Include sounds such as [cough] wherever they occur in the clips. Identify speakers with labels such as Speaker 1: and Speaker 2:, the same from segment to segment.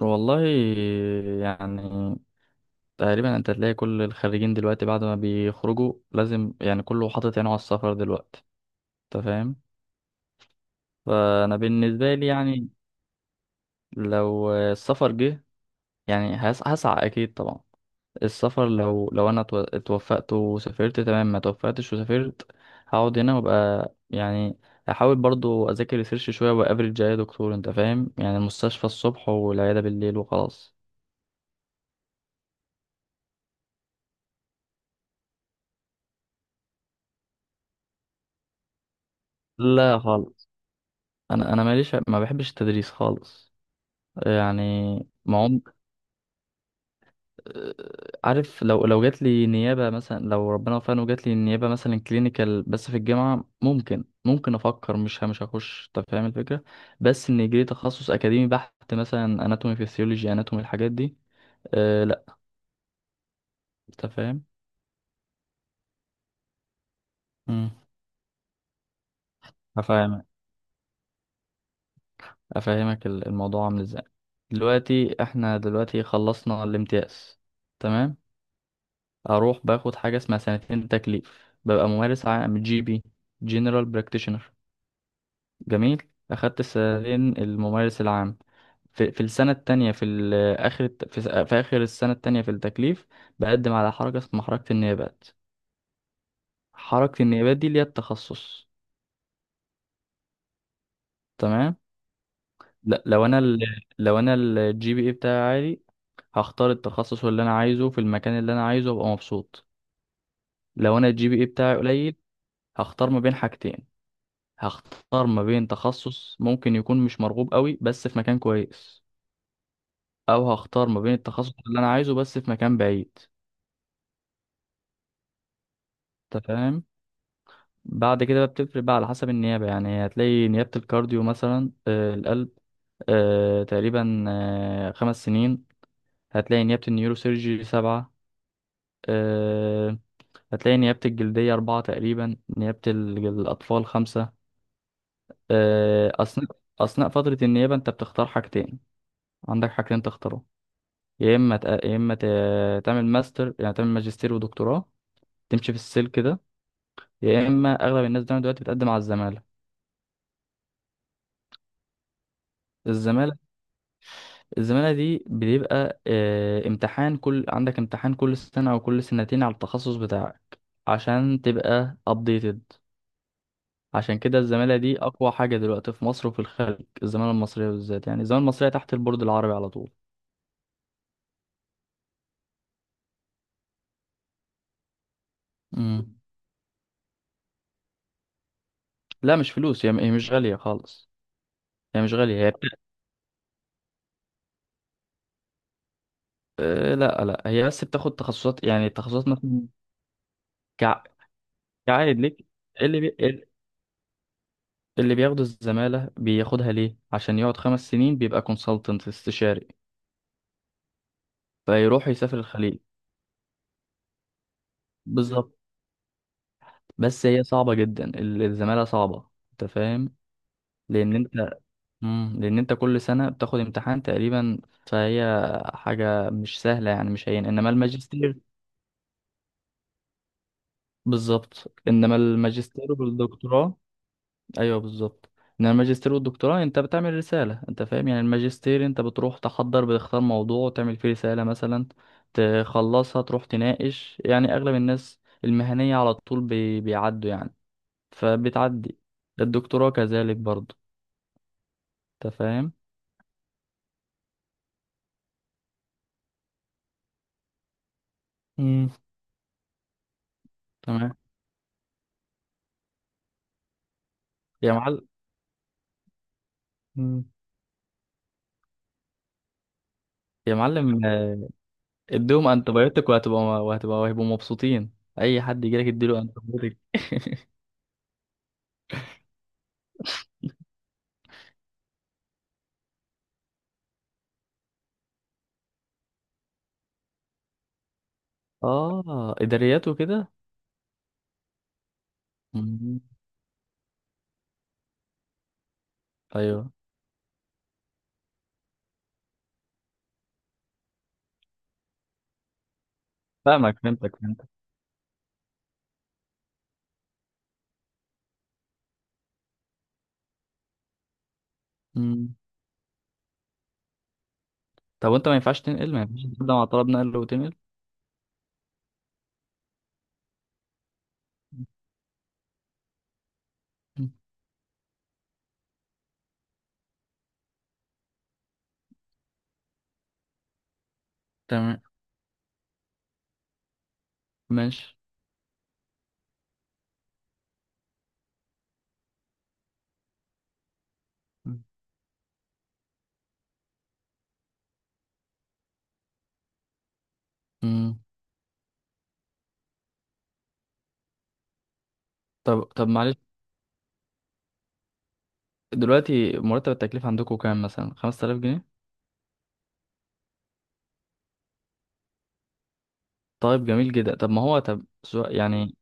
Speaker 1: والله، يعني تقريبا انت تلاقي كل الخريجين دلوقتي بعد ما بيخرجوا لازم، كله حاطط عينه على السفر دلوقتي. انت فاهم؟ فانا بالنسبه لي، لو السفر جه، هسعى اكيد طبعا. السفر، لو انا اتوفقت وسافرت، تمام. ما توفقتش وسافرت، هقعد هنا وابقى، يعني، احاول برضو اذاكر ريسيرش شويه وافرج. يا دكتور، انت فاهم، يعني المستشفى الصبح والعياده بالليل وخلاص. لا خالص. انا ماليش، ما بحبش التدريس خالص، يعني ما عم... عارف، لو جات لي نيابه مثلا، لو ربنا وفقني وجات لي نيابه مثلا كلينيكال بس في الجامعه، ممكن افكر. مش هخش، انت فاهم الفكره. بس ان يجري تخصص اكاديمي بحت مثلا اناتومي فيسيولوجي اناتومي الحاجات دي، أه لا. انت فاهم. امم. هفهمك. افهمك الموضوع عامل ازاي. دلوقتي احنا دلوقتي خلصنا الامتياز، تمام. اروح باخد حاجه اسمها سنتين تكليف، ببقى ممارس عام، جي بي، جنرال براكتيشنر. جميل. اخدت السنتين الممارس العام. في السنه التانية في اخر في اخر السنه التانية في التكليف، بقدم على حركه اسمها حركه النيابات. حركه النيابات دي ليها التخصص، تمام. لا لو انا ال... لو انا الجي بي اي بتاعي عالي، هختار التخصص اللي انا عايزه في المكان اللي انا عايزه وابقى مبسوط. لو انا الجي بي اي بتاعي قليل، هختار ما بين حاجتين: هختار ما بين تخصص ممكن يكون مش مرغوب قوي بس في مكان كويس، او هختار ما بين التخصص اللي انا عايزه بس في مكان بعيد. انت فاهم. بعد كده بقى بتفرق بقى على حسب النيابة. يعني هتلاقي نيابة الكارديو مثلا، آه، القلب، آه، تقريبا آه خمس سنين. هتلاقي نيابة النيوروسيرجي سبعة، آه. هتلاقي نيابة الجلدية أربعة تقريبا، نيابة الأطفال خمسة، آه. أثناء فترة النيابة أنت بتختار حاجتين. عندك حاجتين تختارهم: يا اما تعمل ماستر، يعني تعمل ماجستير ودكتوراه، تمشي في السلك ده، يا اما اغلب الناس بتعمل دلوقتي بتقدم على الزماله. الزماله الزماله دي بيبقى، آه، امتحان. عندك امتحان كل سنه او كل سنتين على التخصص بتاعك عشان تبقى updated. عشان كده الزماله دي اقوى حاجه دلوقتي في مصر وفي الخارج. الزماله المصريه بالذات، يعني الزماله المصريه تحت البورد العربي على طول. مم. لا مش فلوس، هي مش غاليه خالص. هي مش غاليه، آه، لا لا، هي بس بتاخد تخصصات، يعني التخصصات مثلا. كع... كعائد ليك؟ إيه اللي بياخد الزمالة بياخدها ليه؟ عشان يقعد خمس سنين بيبقى كونسلتنت، استشاري، فيروح يسافر الخليج. بالظبط. بس هي صعبة جدا، الزمالة صعبة. انت فاهم؟ لأن انت، مم، لأن انت كل سنة بتاخد امتحان تقريبا، فهي حاجة مش سهلة، يعني مش هين. انما الماجستير، بالظبط، انما الماجستير والدكتوراه، ايوه بالظبط، ان الماجستير والدكتوراه انت بتعمل رساله. انت فاهم، يعني الماجستير انت بتروح تحضر، بتختار موضوع وتعمل فيه رساله مثلا، تخلصها، تروح تناقش. يعني اغلب الناس المهنيه على طول بيعدوا يعني، فبتعدي. الدكتوراه كذلك برضه. انت فاهم. امم. تمام. يا معلم. امم. يا معلم، آه، اديهم انتبيوتك وهتبقى وهيبقوا مبسوطين. اي حد يجيلك اديله انتبيوتك. اه، اداريات وكده. مم. ايوه، فاهمك. فهمتك مم. طب وانت ما ينفعش تنقل؟ ما ينفعش تبدأ مع طلب نقل وتنقل؟ مم. تمام. ماشي. مم. طب معلش، دلوقتي مرتب التكليف عندكم كام؟ مثلا 5000 جنيه؟ طيب جميل جدا. طب ما هو، طب سؤال يعني،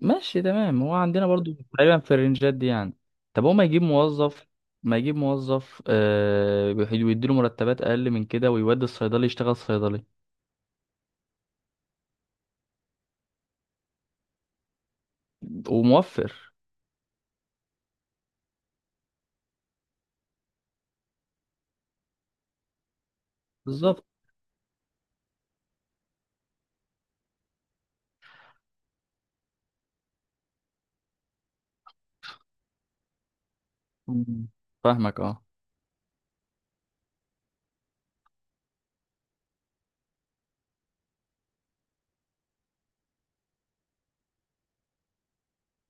Speaker 1: ماشي، تمام. هو عندنا برضو تقريبا في الرنجات دي يعني. طب هو ما يجيب موظف؟ ما يجيب موظف آه ويديله مرتبات اقل من كده، ويودي الصيدلي يشتغل صيدلي، وموفر. بالظبط. مم. فاهمك، اه.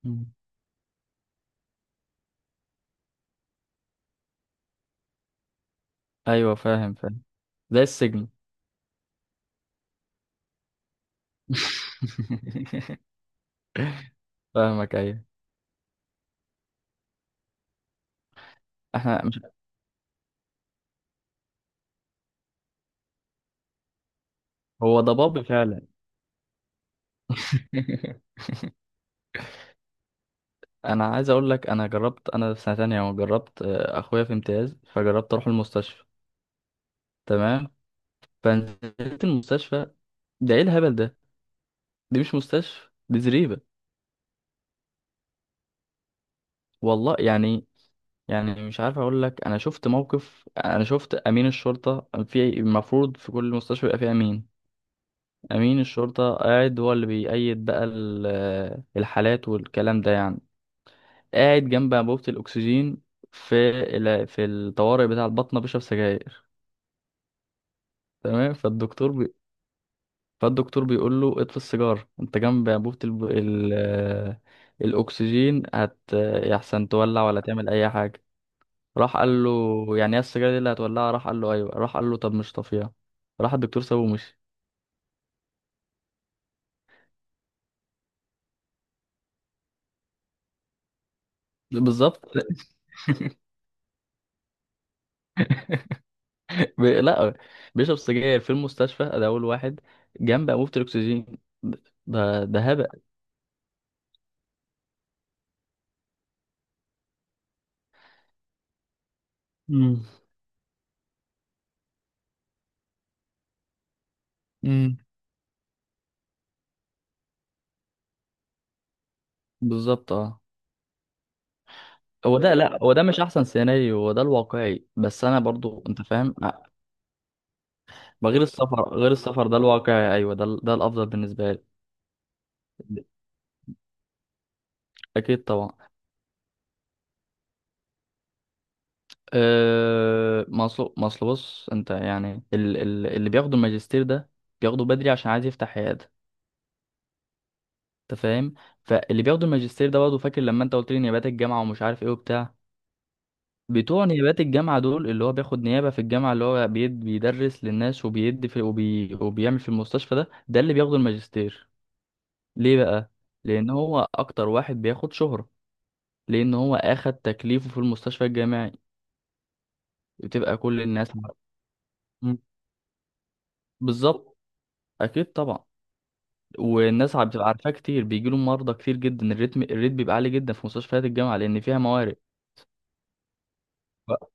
Speaker 1: مم. ايوه، فاهم. زي السجن. [laughs] فاهمك، ايوه. احنا مش، هو ضبابي فعلا. [laughs] انا عايز اقول لك، انا جربت، انا في سنه تانية جربت، آه، اخويا في امتياز، فجربت اروح المستشفى، تمام. فنزلت المستشفى. ده ايه الهبل ده؟ دي مش مستشفى، دي زريبه، والله. يعني، يعني مش عارف اقول لك، انا شفت موقف، انا شفت امين الشرطه. في المفروض في كل مستشفى يبقى فيه امين. امين الشرطه قاعد هو اللي بيأيد بقى آه، الحالات والكلام ده، يعني قاعد جنب انبوبة الأكسجين في في الطوارئ بتاع البطنة، بيشرب سجاير. تمام. فالدكتور بيقول له: اطفي السيجارة، أنت جنب أنبوبة آه، الأكسجين، هت، يحسن تولع ولا تعمل أي حاجة. راح قال له: يعني ايه السجارة دي اللي هتولعها؟ راح قال له: أيوه. راح قال له: طب مش طافيها. راح الدكتور سابه ومشي. بالظبط. [laughs] لا، بيشرب سجاير في المستشفى، ده أول واحد، جنب أنبوبة الأكسجين. ده هبل. امم. امم. بالظبط، اه. هو ده لا، هو ده مش احسن سيناريو، هو ده الواقعي، بس انا برضو انت فاهم، ما غير السفر، غير السفر ده الواقعي، ايوه، ده ده الافضل بالنسبه لي. اكيد طبعا. أه، ما اصل ما أصل بص انت، يعني اللي بياخدوا الماجستير ده بياخده بدري عشان عايز يفتح عياده. انت فاهم. فاللي بياخدوا الماجستير ده برضه، فاكر لما انت قلت لي نيابات الجامعه ومش عارف ايه وبتاع؟ بتوع نيابات الجامعة دول، اللي هو بياخد نيابة في الجامعة، اللي هو بيدرس للناس وبيدي في وبيعمل في المستشفى، ده ده اللي بياخدوا الماجستير. ليه بقى؟ لان هو اكتر واحد بياخد شهرة، لان هو اخد تكليفه في المستشفى الجامعي، بتبقى كل الناس مم. بالظبط. اكيد طبعا. والناس عم بتبقى عارفاه كتير، بيجيله مرضى كتير جدا. الريت بيبقى عالي جدا في مستشفيات الجامعة لان فيها موارد. ف-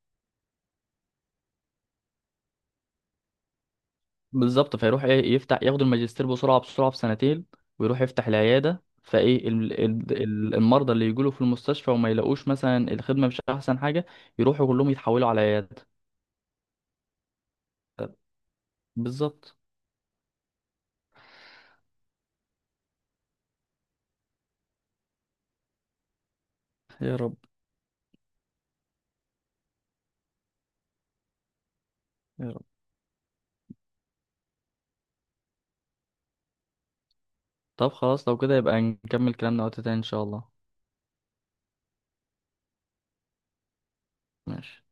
Speaker 1: بالظبط. فيروح ايه، يفتح، ياخد الماجستير بسرعة، بسرعة في سنتين، ويروح يفتح العيادة. فايه المرضى اللي يجيله في المستشفى وما يلاقوش مثلا الخدمة مش احسن حاجة، يروحوا كلهم يتحولوا على عيادة. بالظبط. يا رب. يا رب. طب خلاص، لو كده يبقى نكمل كلامنا وقت تاني ان شاء الله. ماشي.